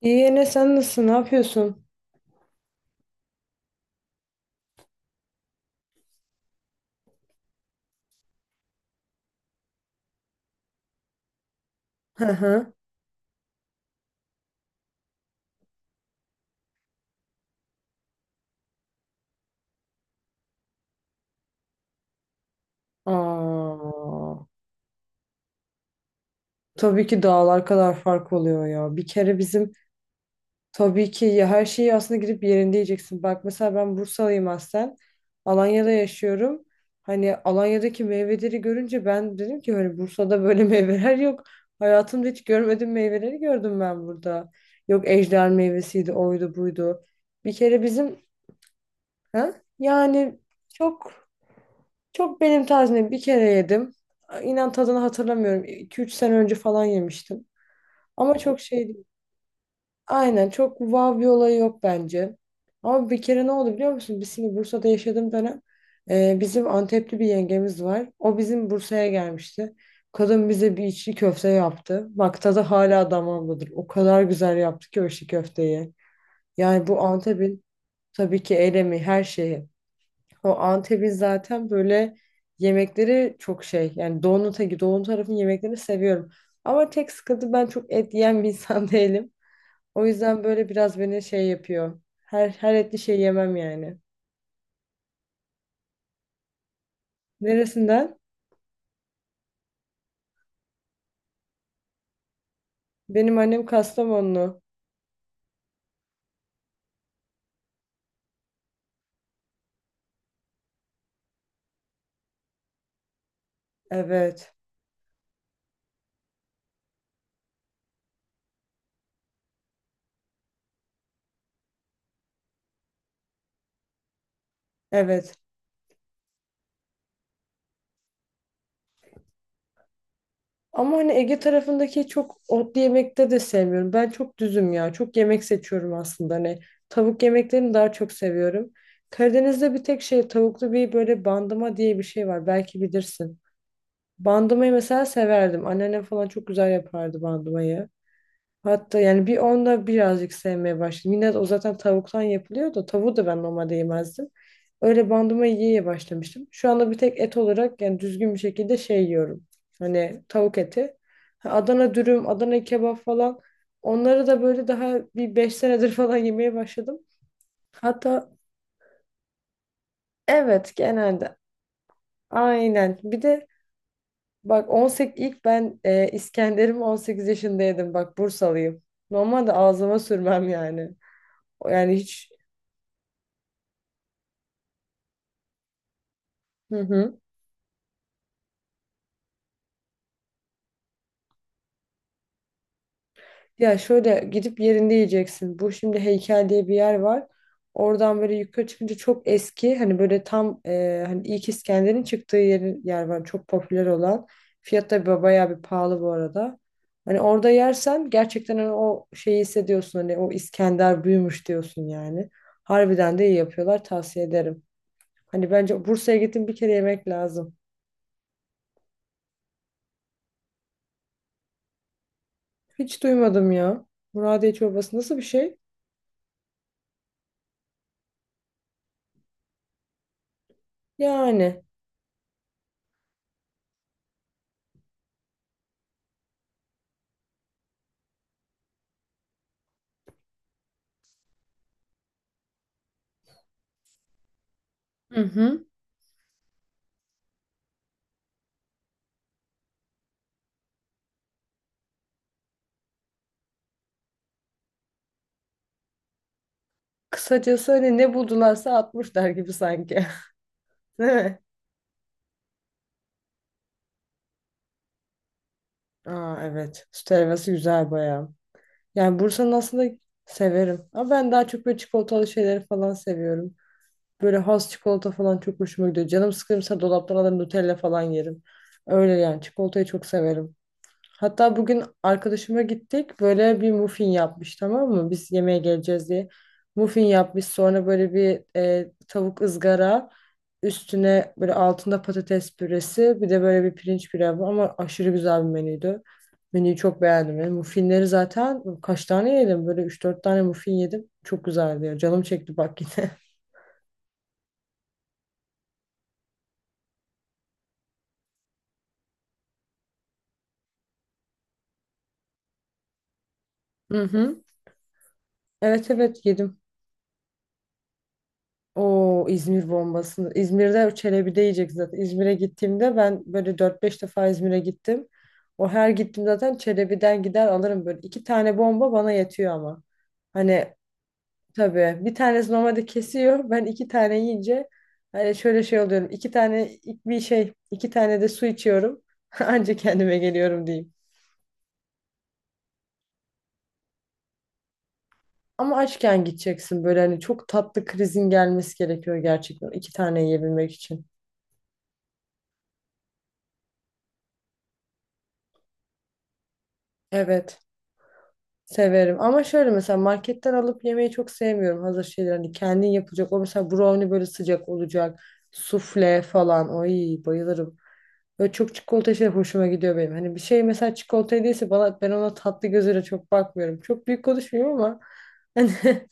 İyi Ene, sen nasılsın? Ne yapıyorsun? Hı hı. Aa, tabii ki dağlar kadar fark oluyor ya. Bir kere bizim tabii ki ya, her şeyi aslında gidip yerinde yiyeceksin. Bak mesela ben Bursalıyım aslen. Alanya'da yaşıyorum. Hani Alanya'daki meyveleri görünce ben dedim ki hani Bursa'da böyle meyveler yok. Hayatımda hiç görmediğim meyveleri gördüm ben burada. Yok ejder meyvesiydi, oydu, buydu. Bir kere bizim, ha? Yani çok Çok benim tarzımda bir kere yedim. İnan tadını hatırlamıyorum. 2-3 sene önce falan yemiştim. Ama çok şey değil. Aynen, çok wow bir olayı yok bence. Ama bir kere ne oldu biliyor musun? Biz şimdi Bursa'da yaşadığım dönem bizim Antepli bir yengemiz var. O bizim Bursa'ya gelmişti. Kadın bize bir içli köfte yaptı. Bak tadı hala damağımdadır. O kadar güzel yaptı ki o içli köfteyi. Yani bu Antep'in, tabii ki elemi, her şeyi. O Antep'in zaten böyle yemekleri çok şey. Yani doğunun teki, doğu tarafın yemeklerini seviyorum. Ama tek sıkıntı, ben çok et yiyen bir insan değilim. O yüzden böyle biraz beni şey yapıyor. Her etli şey yemem yani. Neresinden? Benim annem Kastamonlu. Evet. Evet. Ama hani Ege tarafındaki çok otlu yemekte de sevmiyorum. Ben çok düzüm ya. Çok yemek seçiyorum aslında. Hani tavuk yemeklerini daha çok seviyorum. Karadeniz'de bir tek şey, tavuklu bir böyle bandıma diye bir şey var. Belki bilirsin. Bandımayı mesela severdim. Anneannem falan çok güzel yapardı bandımayı. Hatta yani bir onda birazcık sevmeye başladım. Yine de o zaten tavuktan yapılıyor da tavuğu da ben normalde yemezdim. Öyle bandıma yiye başlamıştım. Şu anda bir tek et olarak yani düzgün bir şekilde şey yiyorum. Hani tavuk eti. Ha, Adana dürüm, Adana kebap falan. Onları da böyle daha bir 5 senedir falan yemeye başladım. Hatta evet, genelde. Aynen. Bir de bak, 18, ilk ben, İskender'imi 18 yaşındaydım. Bak Bursalıyım. Normalde ağzıma sürmem yani. O, yani hiç. Hı hı. Ya şöyle gidip yerinde yiyeceksin. Bu şimdi heykel diye bir yer var. Oradan böyle yukarı çıkınca çok eski, hani böyle tam, hani ilk İskender'in çıktığı yer var. Çok popüler olan. Fiyat da bayağı bir pahalı bu arada. Hani orada yersen gerçekten hani o şeyi hissediyorsun, hani o İskender büyümüş diyorsun yani. Harbiden de iyi yapıyorlar, tavsiye ederim. Hani bence Bursa'ya gittim bir kere yemek lazım. Hiç duymadım ya. Muradiye çorbası nasıl bir şey? Yani. Hı hı. Kısacası hani ne buldularsa atmışlar gibi sanki. Değil mi? Aa, evet. Süt helvası güzel bayağı. Yani Bursa'nın aslında severim. Ama ben daha çok böyle çikolatalı şeyleri falan seviyorum. Böyle has çikolata falan çok hoşuma gidiyor. Canım sıkılırsa dolaptan alır Nutella falan yerim. Öyle yani, çikolatayı çok severim. Hatta bugün arkadaşıma gittik. Böyle bir muffin yapmış, tamam mı? Biz yemeğe geleceğiz diye. Muffin yapmış. Sonra böyle bir, tavuk ızgara. Üstüne böyle, altında patates püresi. Bir de böyle bir pirinç pilavı. Ama aşırı güzel bir menüydü. Menüyü çok beğendim. Yani muffinleri zaten kaç tane yedim? Böyle üç dört tane muffin yedim. Çok güzeldi ya. Canım çekti bak yine. Hı hı. Evet, evet, yedim. O İzmir bombasını, İzmir'de Çelebi yiyecek zaten. İzmir'e gittiğimde ben böyle dört beş defa İzmir'e gittim. O her gittim zaten Çelebi'den gider alırım böyle. İki tane bomba bana yetiyor ama. Hani tabii bir tanesi normalde kesiyor. Ben iki tane yiyince hani şöyle şey oluyorum. İki tane bir şey, iki tane de su içiyorum. Anca kendime geliyorum diyeyim. Ama açken gideceksin, böyle hani çok tatlı krizin gelmesi gerekiyor gerçekten iki tane yiyebilmek için. Evet. Severim ama şöyle, mesela marketten alıp yemeyi çok sevmiyorum hazır şeyler, hani kendin yapacak. O mesela brownie böyle sıcak olacak, sufle falan, oy bayılırım. Böyle çok çikolata şey hoşuma gidiyor benim. Hani bir şey mesela çikolata değilse bana, ben ona tatlı gözüyle çok bakmıyorum, çok büyük konuşmuyorum ama hani,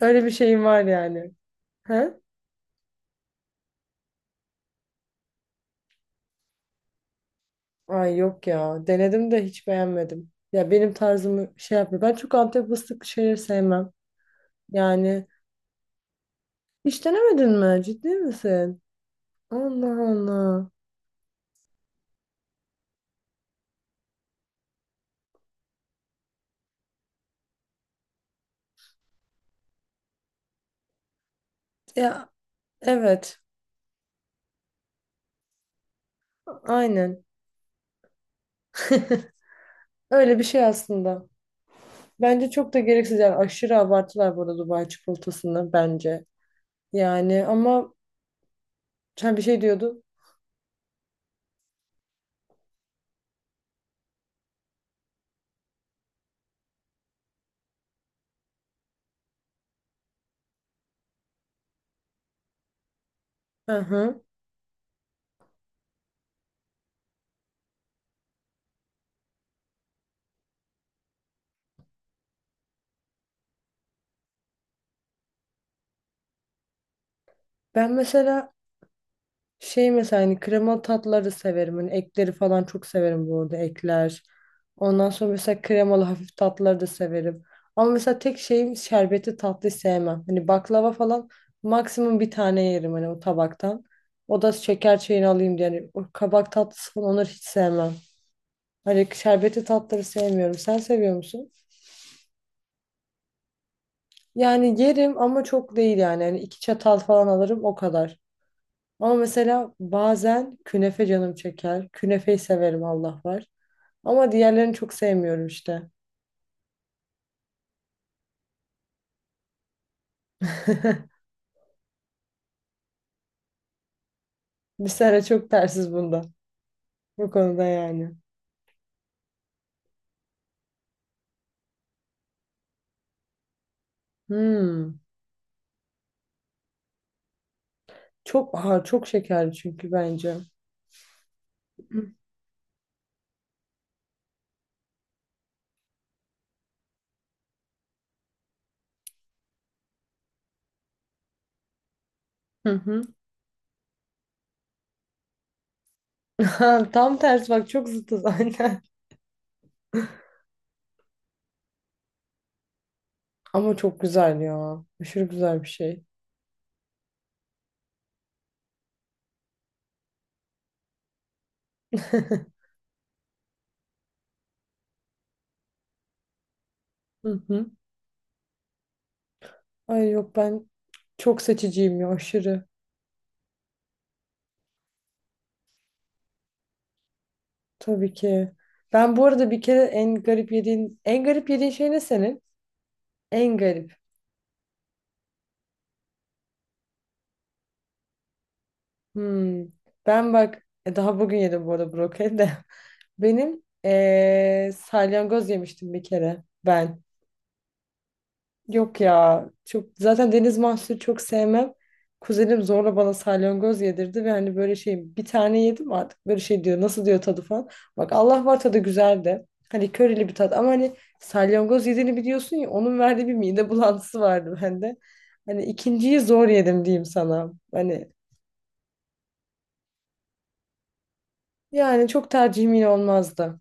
öyle bir şeyim var yani. Ha? Ay yok ya, denedim de hiç beğenmedim ya, benim tarzımı şey yapmıyor, ben çok Antep fıstıklı şeyleri sevmem yani. Hiç denemedin mi, ciddi misin? Allah Allah. Ya evet, aynen. Öyle bir şey aslında. Bence çok da gereksiz, yani aşırı abartılar burada Dubai çikolatasını bence. Yani ama sen bir şey diyordun. Hı hı. Ben mesela, şey mesela, hani kremalı tatları severim. Hani ekleri falan çok severim bu arada, ekler. Ondan sonra mesela kremalı hafif tatları da severim. Ama mesela tek şeyim, şerbetli tatlı sevmem. Hani baklava falan maksimum bir tane yerim hani o tabaktan. O da şeker çayını alayım diye. Yani o kabak tatlısı falan, onları hiç sevmem. Hani şerbetli tatları sevmiyorum. Sen seviyor musun? Yani yerim ama çok değil yani. Hani iki çatal falan alırım o kadar. Ama mesela bazen künefe canım çeker. Künefeyi severim Allah var. Ama diğerlerini çok sevmiyorum işte. Bir sene çok tersiz bunda. Bu konuda yani. Hmm. Çok, aha, çok şekerli çünkü bence. Hı hı. Tam tersi bak, çok zıtız aynen. Ama çok güzel ya. Aşırı güzel bir şey. Hı hı. Ay yok, ben çok seçiciyim ya, aşırı. Tabii ki. Ben bu arada bir kere, en garip yediğin şey ne senin? En garip. Hmm. Ben bak, daha bugün yedim bu arada brokoli de. Benim salyangoz yemiştim bir kere ben. Yok ya, çok zaten deniz mahsulü çok sevmem. Kuzenim zorla bana salyangoz yedirdi ve hani böyle şey, bir tane yedim artık, böyle şey diyor nasıl diyor tadı falan. Bak Allah var, tadı güzeldi. Hani körili bir tat ama hani, salyangoz yediğini biliyorsun ya, onun verdiği bir mide bulantısı vardı bende. Hani ikinciyi zor yedim diyeyim sana. Hani yani çok tercihim olmazdı.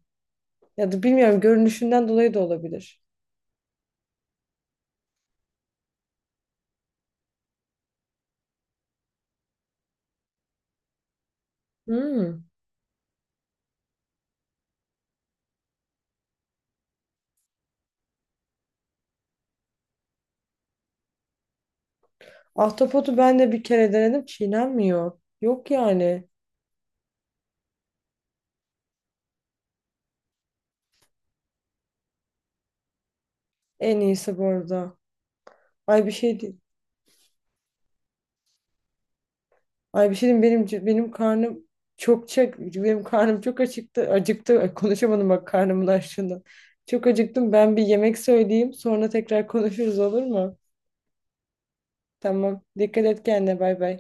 Ya da bilmiyorum, görünüşünden dolayı da olabilir. Hmm. Ahtapotu ben de bir kere denedim, çiğnenmiyor. Yok yani. En iyisi bu arada. Ay bir şey değil. Ay bir şey diyeyim, benim karnım çok çek, benim karnım çok acıktı. Acıktı. Ay, konuşamadım bak karnımın açlığından. Çok acıktım. Ben bir yemek söyleyeyim. Sonra tekrar konuşuruz, olur mu? Tamam. Dikkat et kendine. Bay bay.